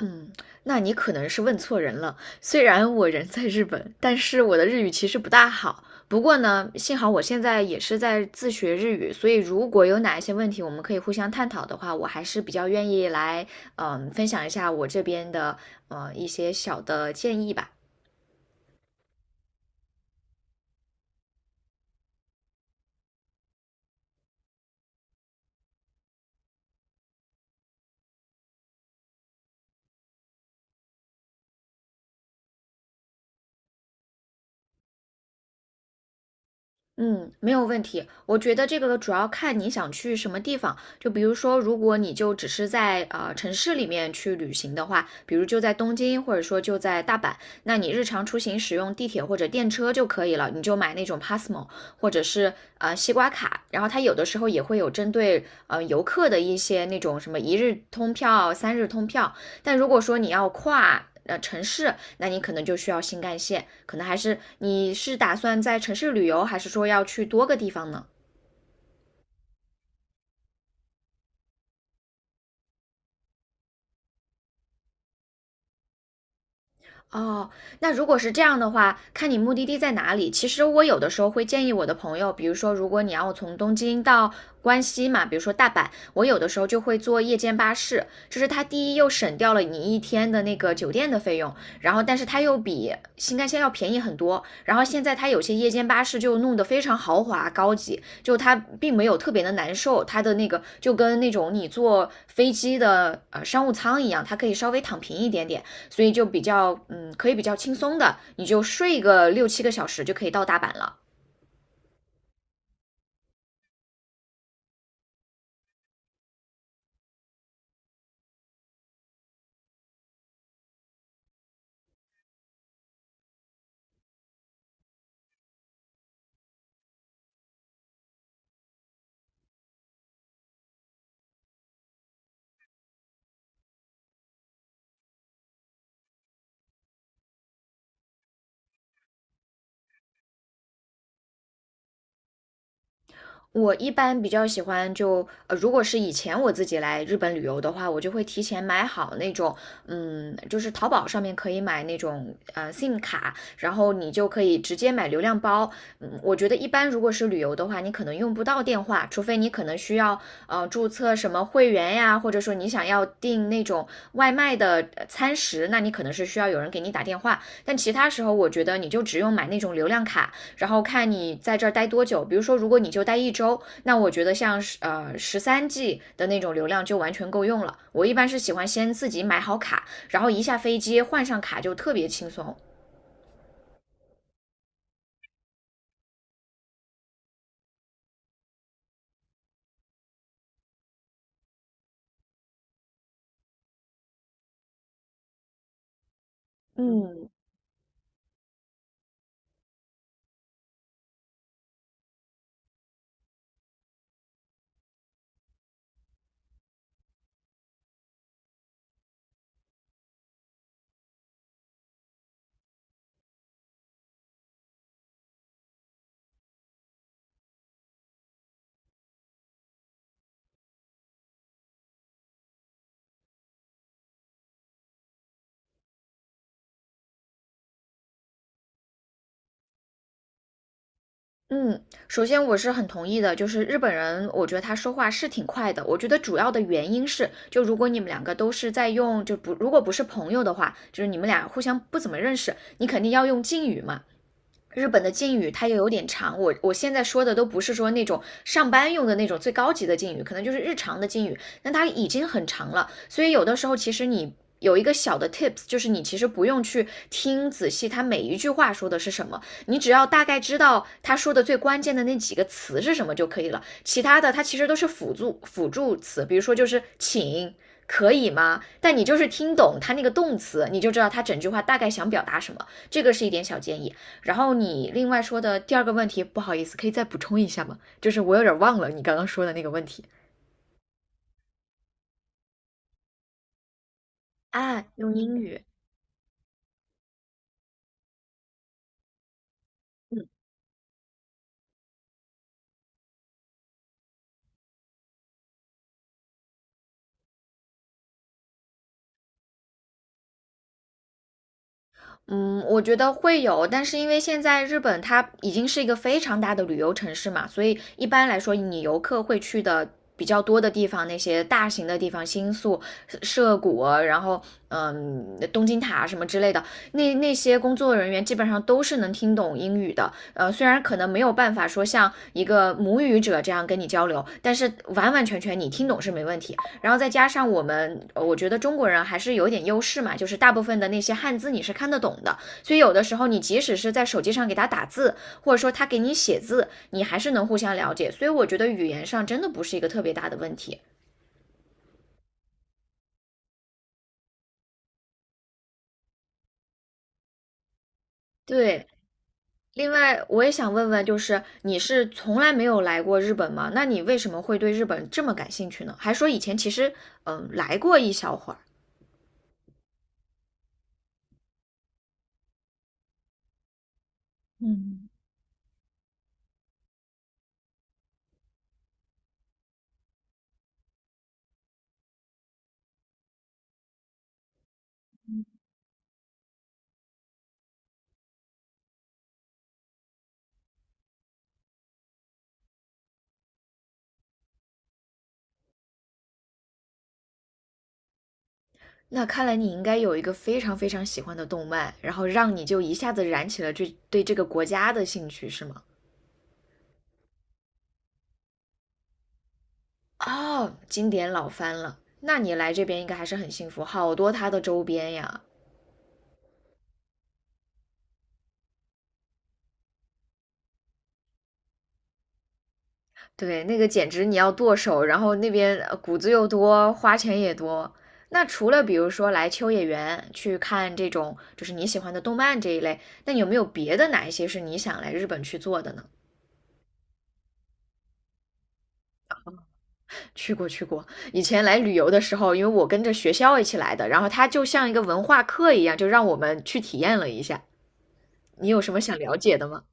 嗯，那你可能是问错人了。虽然我人在日本，但是我的日语其实不大好。不过呢，幸好我现在也是在自学日语，所以如果有哪一些问题我们可以互相探讨的话，我还是比较愿意来，分享一下我这边的一些小的建议吧。嗯，没有问题。我觉得这个主要看你想去什么地方。就比如说，如果你就只是在城市里面去旅行的话，比如就在东京，或者说就在大阪，那你日常出行使用地铁或者电车就可以了。你就买那种 Passmo 或者是西瓜卡，然后它有的时候也会有针对游客的一些那种什么一日通票、三日通票，但如果说你要跨城市，那你可能就需要新干线，可能还是你是打算在城市旅游，还是说要去多个地方呢？哦，那如果是这样的话，看你目的地在哪里。其实我有的时候会建议我的朋友，比如说，如果你要从东京到关西嘛，比如说大阪，我有的时候就会坐夜间巴士。就是它第一又省掉了你一天的那个酒店的费用，然后但是它又比新干线要便宜很多。然后现在它有些夜间巴士就弄得非常豪华高级，就它并没有特别的难受，它的那个就跟那种你坐飞机的商务舱一样，它可以稍微躺平一点点。所以就比较可以比较轻松的，你就睡个六七个小时就可以到大阪了。我一般比较喜欢就如果是以前我自己来日本旅游的话，我就会提前买好那种，就是淘宝上面可以买那种SIM 卡，然后你就可以直接买流量包。我觉得一般如果是旅游的话，你可能用不到电话，除非你可能需要注册什么会员呀，或者说你想要订那种外卖的餐食，那你可能是需要有人给你打电话。但其他时候，我觉得你就只用买那种流量卡，然后看你在这儿待多久。比如说，如果你就待一周，那我觉得像13G 的那种流量就完全够用了。我一般是喜欢先自己买好卡，然后一下飞机换上卡就特别轻松。嗯嗯，首先我是很同意的，就是日本人，我觉得他说话是挺快的。我觉得主要的原因是，就如果你们两个都是在用，就不如果不是朋友的话，就是你们俩互相不怎么认识，你肯定要用敬语嘛。日本的敬语它又有点长，我现在说的都不是说那种上班用的那种最高级的敬语，可能就是日常的敬语，那它已经很长了，所以有的时候其实你有一个小的 tips，就是你其实不用去听仔细他每一句话说的是什么，你只要大概知道他说的最关键的那几个词是什么就可以了，其他的它其实都是辅助词，比如说就是请。可以吗？但你就是听懂它那个动词，你就知道它整句话大概想表达什么。这个是一点小建议。然后你另外说的第二个问题，不好意思，可以再补充一下吗？就是我有点忘了你刚刚说的那个问题啊，用英语。嗯嗯，我觉得会有，但是因为现在日本它已经是一个非常大的旅游城市嘛，所以一般来说，你游客会去的比较多的地方，那些大型的地方，新宿、涩谷啊，然后东京塔啊什么之类的，那那些工作人员基本上都是能听懂英语的。虽然可能没有办法说像一个母语者这样跟你交流，但是完完全全你听懂是没问题。然后再加上我们，我觉得中国人还是有点优势嘛，就是大部分的那些汉字你是看得懂的，所以有的时候你即使是在手机上给他打字，或者说他给你写字，你还是能互相了解。所以我觉得语言上真的不是一个特别大的问题。对，另外我也想问问，就是你是从来没有来过日本吗？那你为什么会对日本这么感兴趣呢？还说以前其实来过一小会儿。那看来你应该有一个非常非常喜欢的动漫，然后让你就一下子燃起了这对这个国家的兴趣，是吗？哦，经典老番了。那你来这边应该还是很幸福，好多它的周边呀。对，那个简直你要剁手，然后那边谷子又多，花钱也多。那除了比如说来秋叶原去看这种就是你喜欢的动漫这一类，那你有没有别的哪一些是你想来日本去做的呢？去过去过，以前来旅游的时候，因为我跟着学校一起来的，然后它就像一个文化课一样，就让我们去体验了一下。你有什么想了解的吗？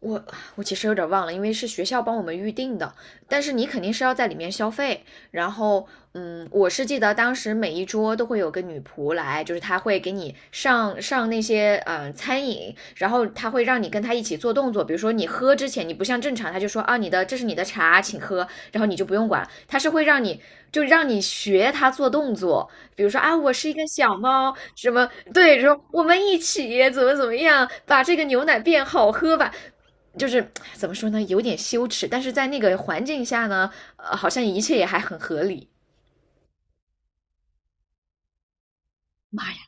我我其实有点忘了，因为是学校帮我们预定的，但是你肯定是要在里面消费。然后，我是记得当时每一桌都会有个女仆来，就是她会给你上上那些餐饮，然后她会让你跟她一起做动作，比如说你喝之前，你不像正常，她就说啊你的这是你的茶，请喝，然后你就不用管，她是会让你就让你学她做动作，比如说啊我是一个小猫，什么对，说我们一起怎么怎么样，把这个牛奶变好喝吧。就是怎么说呢，有点羞耻，但是在那个环境下呢，好像一切也还很合理。妈呀，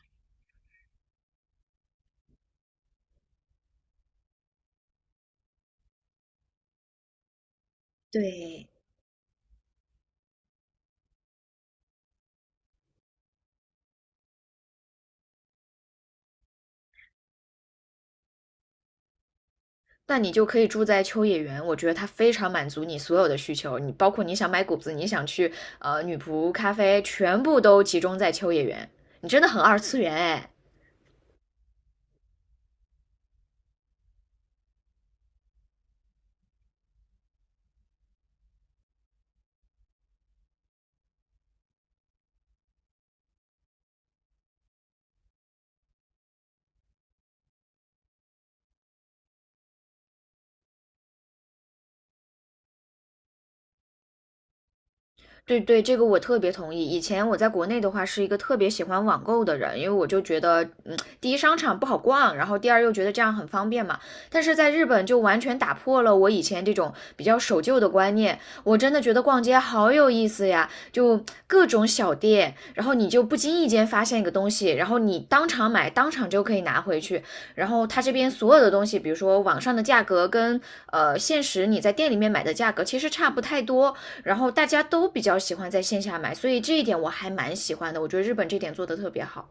对，那你就可以住在秋叶原，我觉得它非常满足你所有的需求，你包括你想买谷子，你想去女仆咖啡，全部都集中在秋叶原，你真的很二次元哎。对对，这个我特别同意。以前我在国内的话，是一个特别喜欢网购的人，因为我就觉得，第一商场不好逛，然后第二又觉得这样很方便嘛。但是在日本就完全打破了我以前这种比较守旧的观念，我真的觉得逛街好有意思呀，就各种小店，然后你就不经意间发现一个东西，然后你当场买，当场就可以拿回去。然后它这边所有的东西，比如说网上的价格跟现实你在店里面买的价格其实差不太多，然后大家都比较喜欢在线下买，所以这一点我还蛮喜欢的。我觉得日本这点做得特别好。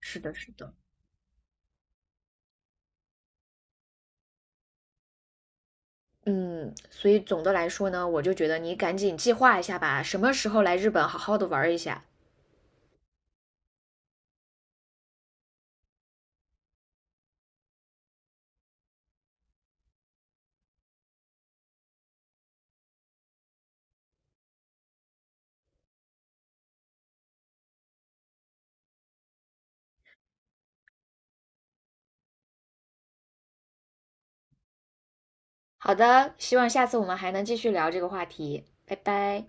是的，是的。嗯，所以总的来说呢，我就觉得你赶紧计划一下吧，什么时候来日本好好的玩一下。好的，希望下次我们还能继续聊这个话题。拜拜。